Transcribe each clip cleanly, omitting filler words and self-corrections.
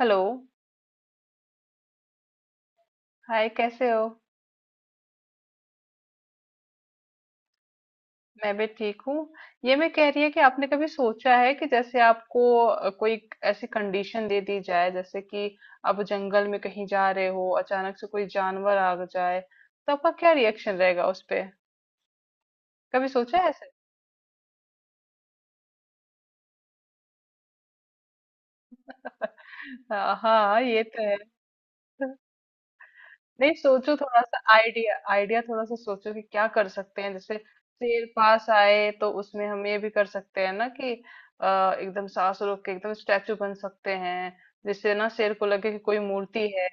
Hello. Hi कैसे हो। मैं भी ठीक हूँ। ये मैं कह रही है कि आपने कभी सोचा है कि जैसे आपको कोई ऐसी कंडीशन दे दी जाए जैसे कि आप जंगल में कहीं जा रहे हो अचानक से कोई जानवर आ जाए तो आपका क्या रिएक्शन रहेगा उस पे। कभी सोचा है ऐसे। हाँ हाँ, ये तो है। नहीं सोचो थोड़ा सा, आइडिया आइडिया थोड़ा सा सोचो कि क्या कर सकते हैं। जैसे शेर पास आए तो उसमें हम ये भी कर सकते हैं ना कि अ, एकदम सांस रोक के एकदम स्टैचू बन सकते हैं, जिससे ना शेर को लगे कि कोई मूर्ति है।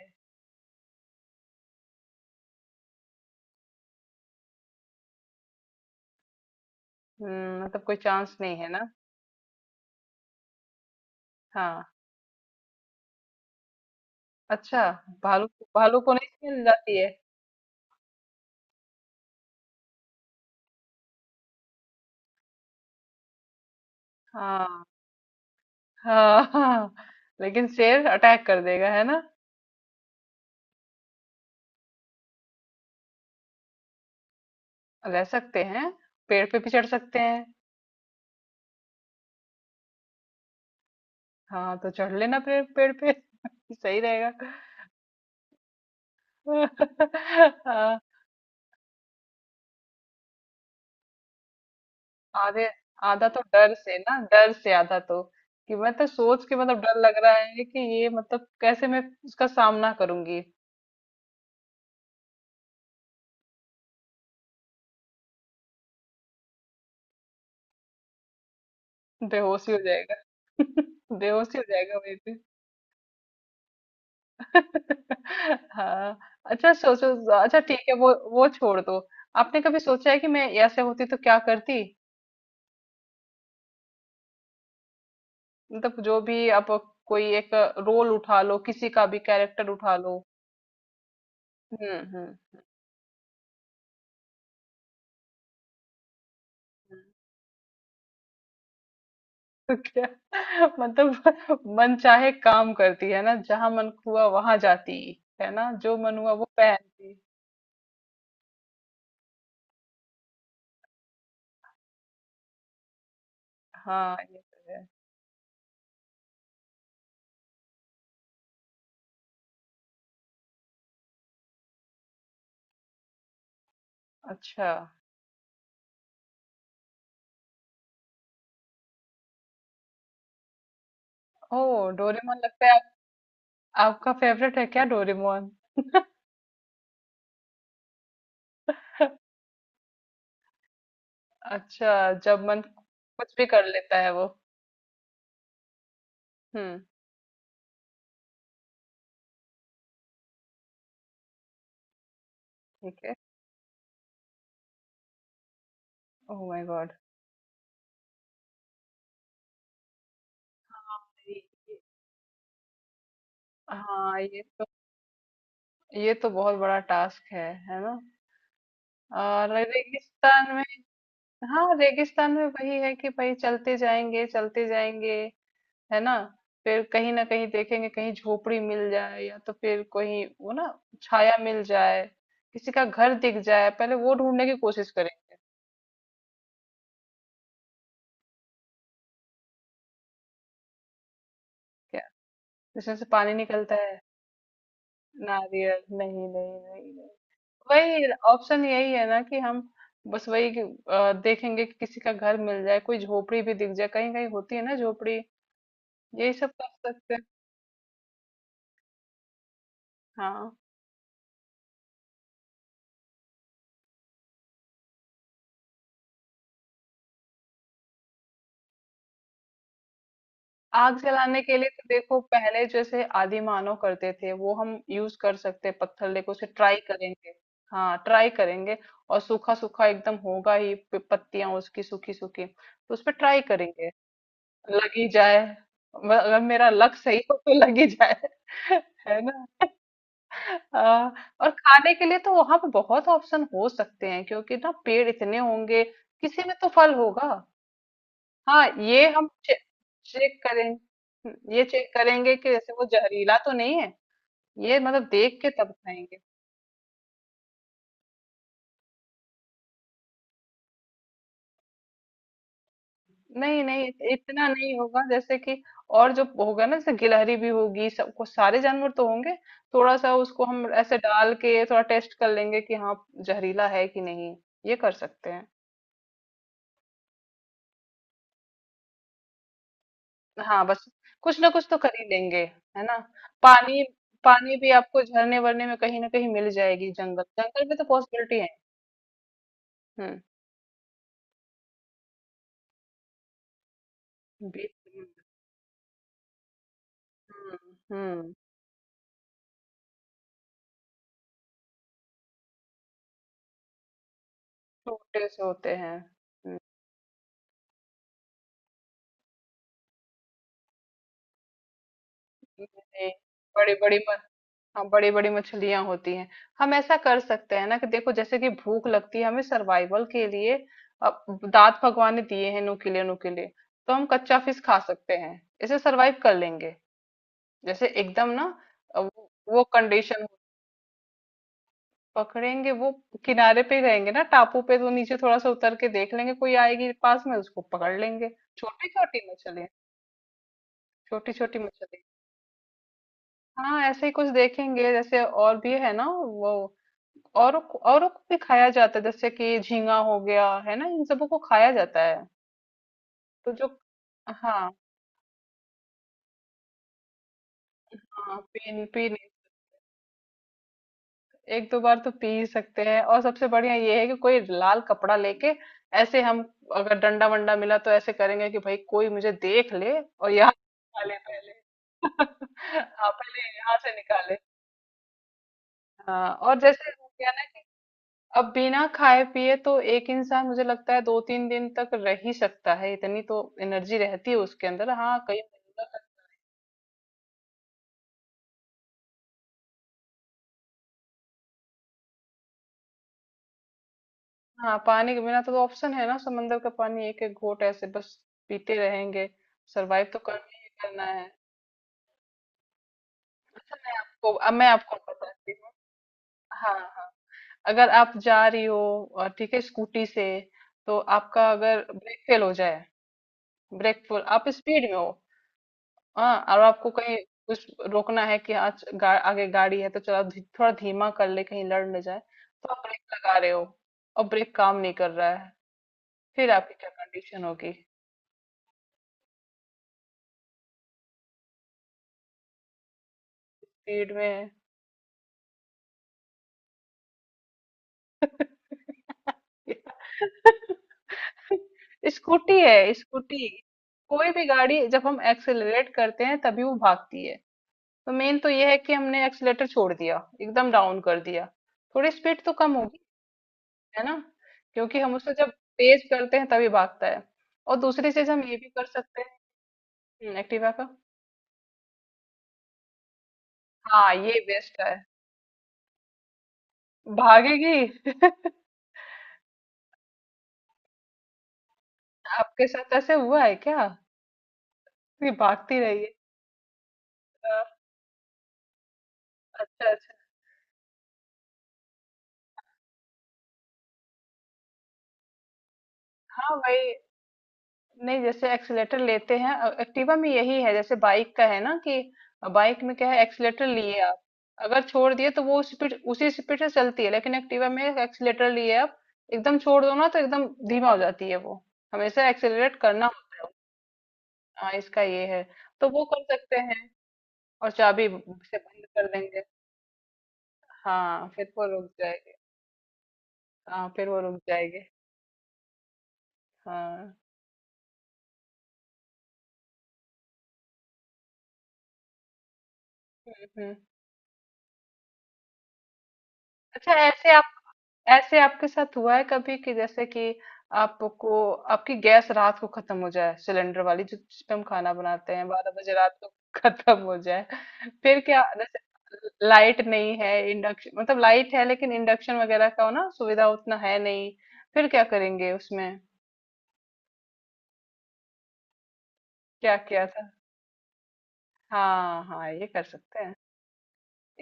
मतलब कोई चांस नहीं है ना। हाँ, अच्छा। भालू, भालू को नहीं मिल जाती है। हाँ हाँ हाँ, लेकिन शेर अटैक कर देगा है ना। रह सकते हैं, पेड़ पे भी चढ़ सकते हैं। हाँ तो चढ़ लेना पेड़ पेड़ पे। सही रहेगा। हाँ, आधे आधा तो डर से ना, डर से आधा तो। कि मैं तो सोच के मतलब डर लग रहा है कि ये मतलब कैसे मैं उसका सामना करूंगी। बेहोशी हो जाएगा। बेहोशी हो जाएगा वही पे। हाँ। अच्छा सोचो, अच्छा ठीक है, वो छोड़ दो। आपने कभी सोचा है कि मैं ऐसे होती तो क्या करती। मतलब जो भी आप, कोई एक रोल उठा लो, किसी का भी कैरेक्टर उठा लो। हम्म। तो क्या। मतलब मन चाहे काम करती है ना, जहां मन हुआ वहां जाती है ना, जो मन हुआ वो पहनती। हाँ ये तो है। अच्छा। ओ, डोरेमोन लगता है आपका फेवरेट है क्या डोरेमोन। अच्छा जब मन, कुछ भी कर लेता है वो। हम्म। ठीक है। Oh my god. हाँ ये तो, ये तो बहुत बड़ा टास्क है ना। और रेगिस्तान में, हाँ रेगिस्तान में वही है कि भाई चलते जाएंगे चलते जाएंगे, है ना। फिर कहीं ना कहीं देखेंगे, कहीं झोपड़ी मिल जाए, या तो फिर कोई वो ना, छाया मिल जाए, किसी का घर दिख जाए, पहले वो ढूंढने की कोशिश करेंगे। क्या जिसमें से पानी निकलता है। नारियल नहीं नहीं नहीं नहीं। वही ऑप्शन यही है ना कि हम, बस वही कि, देखेंगे कि किसी का घर मिल जाए, कोई झोपड़ी भी दिख जाए, कहीं कहीं होती है ना झोपड़ी। यही सब कर सकते हैं। हाँ, आग जलाने के लिए तो देखो पहले जैसे आदि मानव करते थे वो हम यूज कर सकते हैं, पत्थर लेके उसे ट्राई करेंगे। हाँ ट्राई करेंगे, और सूखा सूखा एकदम होगा ही, पत्तियां उसकी सूखी सूखी, तो उस पर ट्राई करेंगे। लग ही जाए, अगर मेरा लक सही हो तो लग ही जाए। है ना। आ, और खाने के लिए तो वहां पे बहुत ऑप्शन हो सकते हैं, क्योंकि ना पेड़ इतने होंगे, किसी में तो फल होगा। हाँ ये हम चेक करेंगे, ये चेक करेंगे कि जैसे वो जहरीला तो नहीं है, ये मतलब देख के तब खाएंगे। नहीं नहीं, इतना नहीं होगा, जैसे कि, और जो होगा ना जैसे गिलहरी भी होगी, सबको, सारे जानवर तो होंगे, थोड़ा सा उसको हम ऐसे डाल के थोड़ा टेस्ट कर लेंगे कि हाँ जहरीला है कि नहीं, ये कर सकते हैं। हाँ बस, कुछ ना कुछ तो कर ही लेंगे, है ना। पानी, पानी भी आपको झरने वरने में कहीं ना कहीं मिल जाएगी, जंगल जंगल में तो पॉसिबिलिटी है। हम्म। बी- हुँ, हुँ, छोटे से होते हैं। हुँ, इनमें बड़ी-बड़ी म हाँ, बड़ी-बड़ी मछलियाँ होती हैं। हम ऐसा कर सकते हैं ना कि देखो जैसे कि भूख लगती है हमें, सर्वाइवल के लिए अ, दाँत भगवान ने दिए हैं नुकीले-नुकीले, तो हम कच्चा फिश खा सकते हैं। इसे सर्वाइव कर लेंगे। जैसे एकदम ना, वो कंडीशन, पकड़ेंगे वो, किनारे पे ही रहेंगे ना टापू पे, तो नीचे थोड़ा-सा उतर के देख लेंगे, कोई आएगी पास में उसको पकड़ लेंगे। छोटी-छोटी मछलियाँ, छोटी-छोटी मछलियाँ। हाँ ऐसे ही कुछ देखेंगे, जैसे और भी है ना वो, और औरों को भी खाया जाता है, जैसे कि झींगा हो गया, है ना, इन सबों को खाया जाता है। तो जो, हाँ हाँ, पीने पीने एक दो बार तो पी ही सकते हैं, और सबसे बढ़िया ये है कि कोई लाल कपड़ा लेके ऐसे हम, अगर डंडा वंडा मिला तो ऐसे करेंगे कि भाई कोई मुझे देख ले और यहाँ से निकाले पहले। हाँ पहले यहाँ से निकाले, हाँ और जैसे हो गया ना। अब बिना खाए पिए तो एक इंसान मुझे लगता है दो तीन दिन तक रह ही सकता है, इतनी तो एनर्जी रहती है उसके अंदर। हाँ कई, हाँ पानी के बिना तो, तो ऑप्शन है ना, समंदर का पानी एक एक घोट ऐसे बस पीते रहेंगे, सरवाइव तो करना ही करना है। अच्छा, मैं आपको बताती हूँ। हाँ हाँ, अगर आप जा रही हो और ठीक है स्कूटी से, तो आपका अगर ब्रेक फेल हो जाए, ब्रेक फुल आप स्पीड में हो, हाँ और आपको कहीं कुछ रोकना है कि आगे गाड़ी है तो चलो थोड़ा धीमा कर ले, कहीं लड़ न जाए, तो आप ब्रेक लगा रहे हो और ब्रेक काम नहीं कर रहा है, फिर आपकी क्या कंडीशन होगी। स्पीड में। स्कूटी है स्कूटी। कोई भी गाड़ी जब हम एक्सेलरेट करते हैं तभी वो भागती है, तो मेन तो ये है कि हमने एक्सेलेटर छोड़ दिया, एकदम डाउन कर दिया, थोड़ी स्पीड तो कम हो, है ना, क्योंकि हम उससे जब तेज करते हैं तभी भागता है। और दूसरी चीज हम ये भी कर सकते हैं, एक्टिवा का। हाँ ये बेस्ट है। भागेगी। आपके साथ ऐसे हुआ है क्या कि भागती रही है। हाँ, अच्छा अच्छा। हाँ भाई, नहीं जैसे एक्सीलेटर लेते हैं एक्टिवा में यही है, जैसे बाइक का है ना कि, बाइक में क्या है एक्सीलेटर लिए आप, अगर छोड़ दिए तो वो स्पीड उसी स्पीड से चलती है, लेकिन एक्टिवा में एक्सीलेटर लिए आप एकदम छोड़ दो ना तो एकदम धीमा हो जाती है वो, हमेशा एक्सीलरेट करना होता है। हाँ इसका ये है, तो वो कर सकते हैं और चाबी से बंद कर देंगे। हाँ फिर वो रुक जाएगी। हाँ फिर वो रुक जाएगी। हाँ। हम्म। अच्छा ऐसे, ऐसे आपके साथ हुआ है कभी कि जैसे कि, आपको, आपकी गैस रात को खत्म हो जाए, सिलेंडर वाली, जो जिस पे हम खाना बनाते हैं, 12 बजे रात को खत्म हो जाए, फिर क्या जैसे लाइट नहीं है, इंडक्शन, मतलब लाइट है लेकिन इंडक्शन वगैरह का ना सुविधा उतना है नहीं, फिर क्या करेंगे उसमें। क्या किया था। हाँ हाँ ये कर सकते हैं,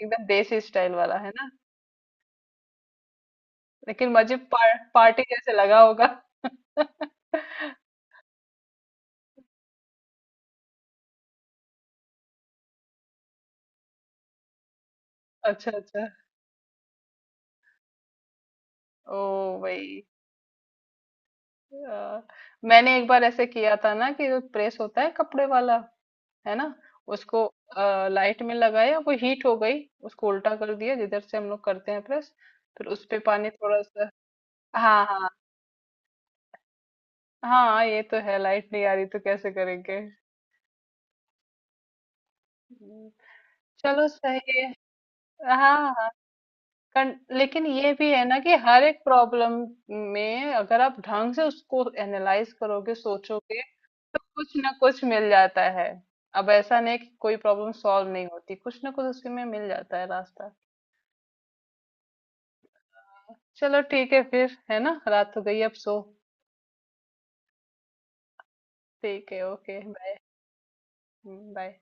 एकदम देसी स्टाइल वाला है ना। लेकिन मुझे पार्टी जैसे लगा होगा। अच्छा अच्छा। ओ भाई, अ, मैंने एक बार ऐसे किया था ना कि जो प्रेस होता है कपड़े वाला, है ना, उसको लाइट में लगाया, वो हीट हो गई, उसको उल्टा कर दिया जिधर से हम लोग करते हैं प्रेस, फिर उस पे पानी थोड़ा सा। हाँ हाँ, हाँ ये तो है, लाइट नहीं आ रही तो कैसे करेंगे। हम्म, चलो सही है। हाँ हाँ, लेकिन ये भी है ना कि हर एक प्रॉब्लम में अगर आप ढंग से उसको एनालाइज करोगे सोचोगे तो कुछ ना कुछ मिल जाता है। अब ऐसा नहीं कि कोई प्रॉब्लम सॉल्व नहीं होती, कुछ ना कुछ उसी में मिल जाता है रास्ता। चलो ठीक है फिर, है ना, रात हो गई, अब सो। ठीक है, ओके बाय। बाय।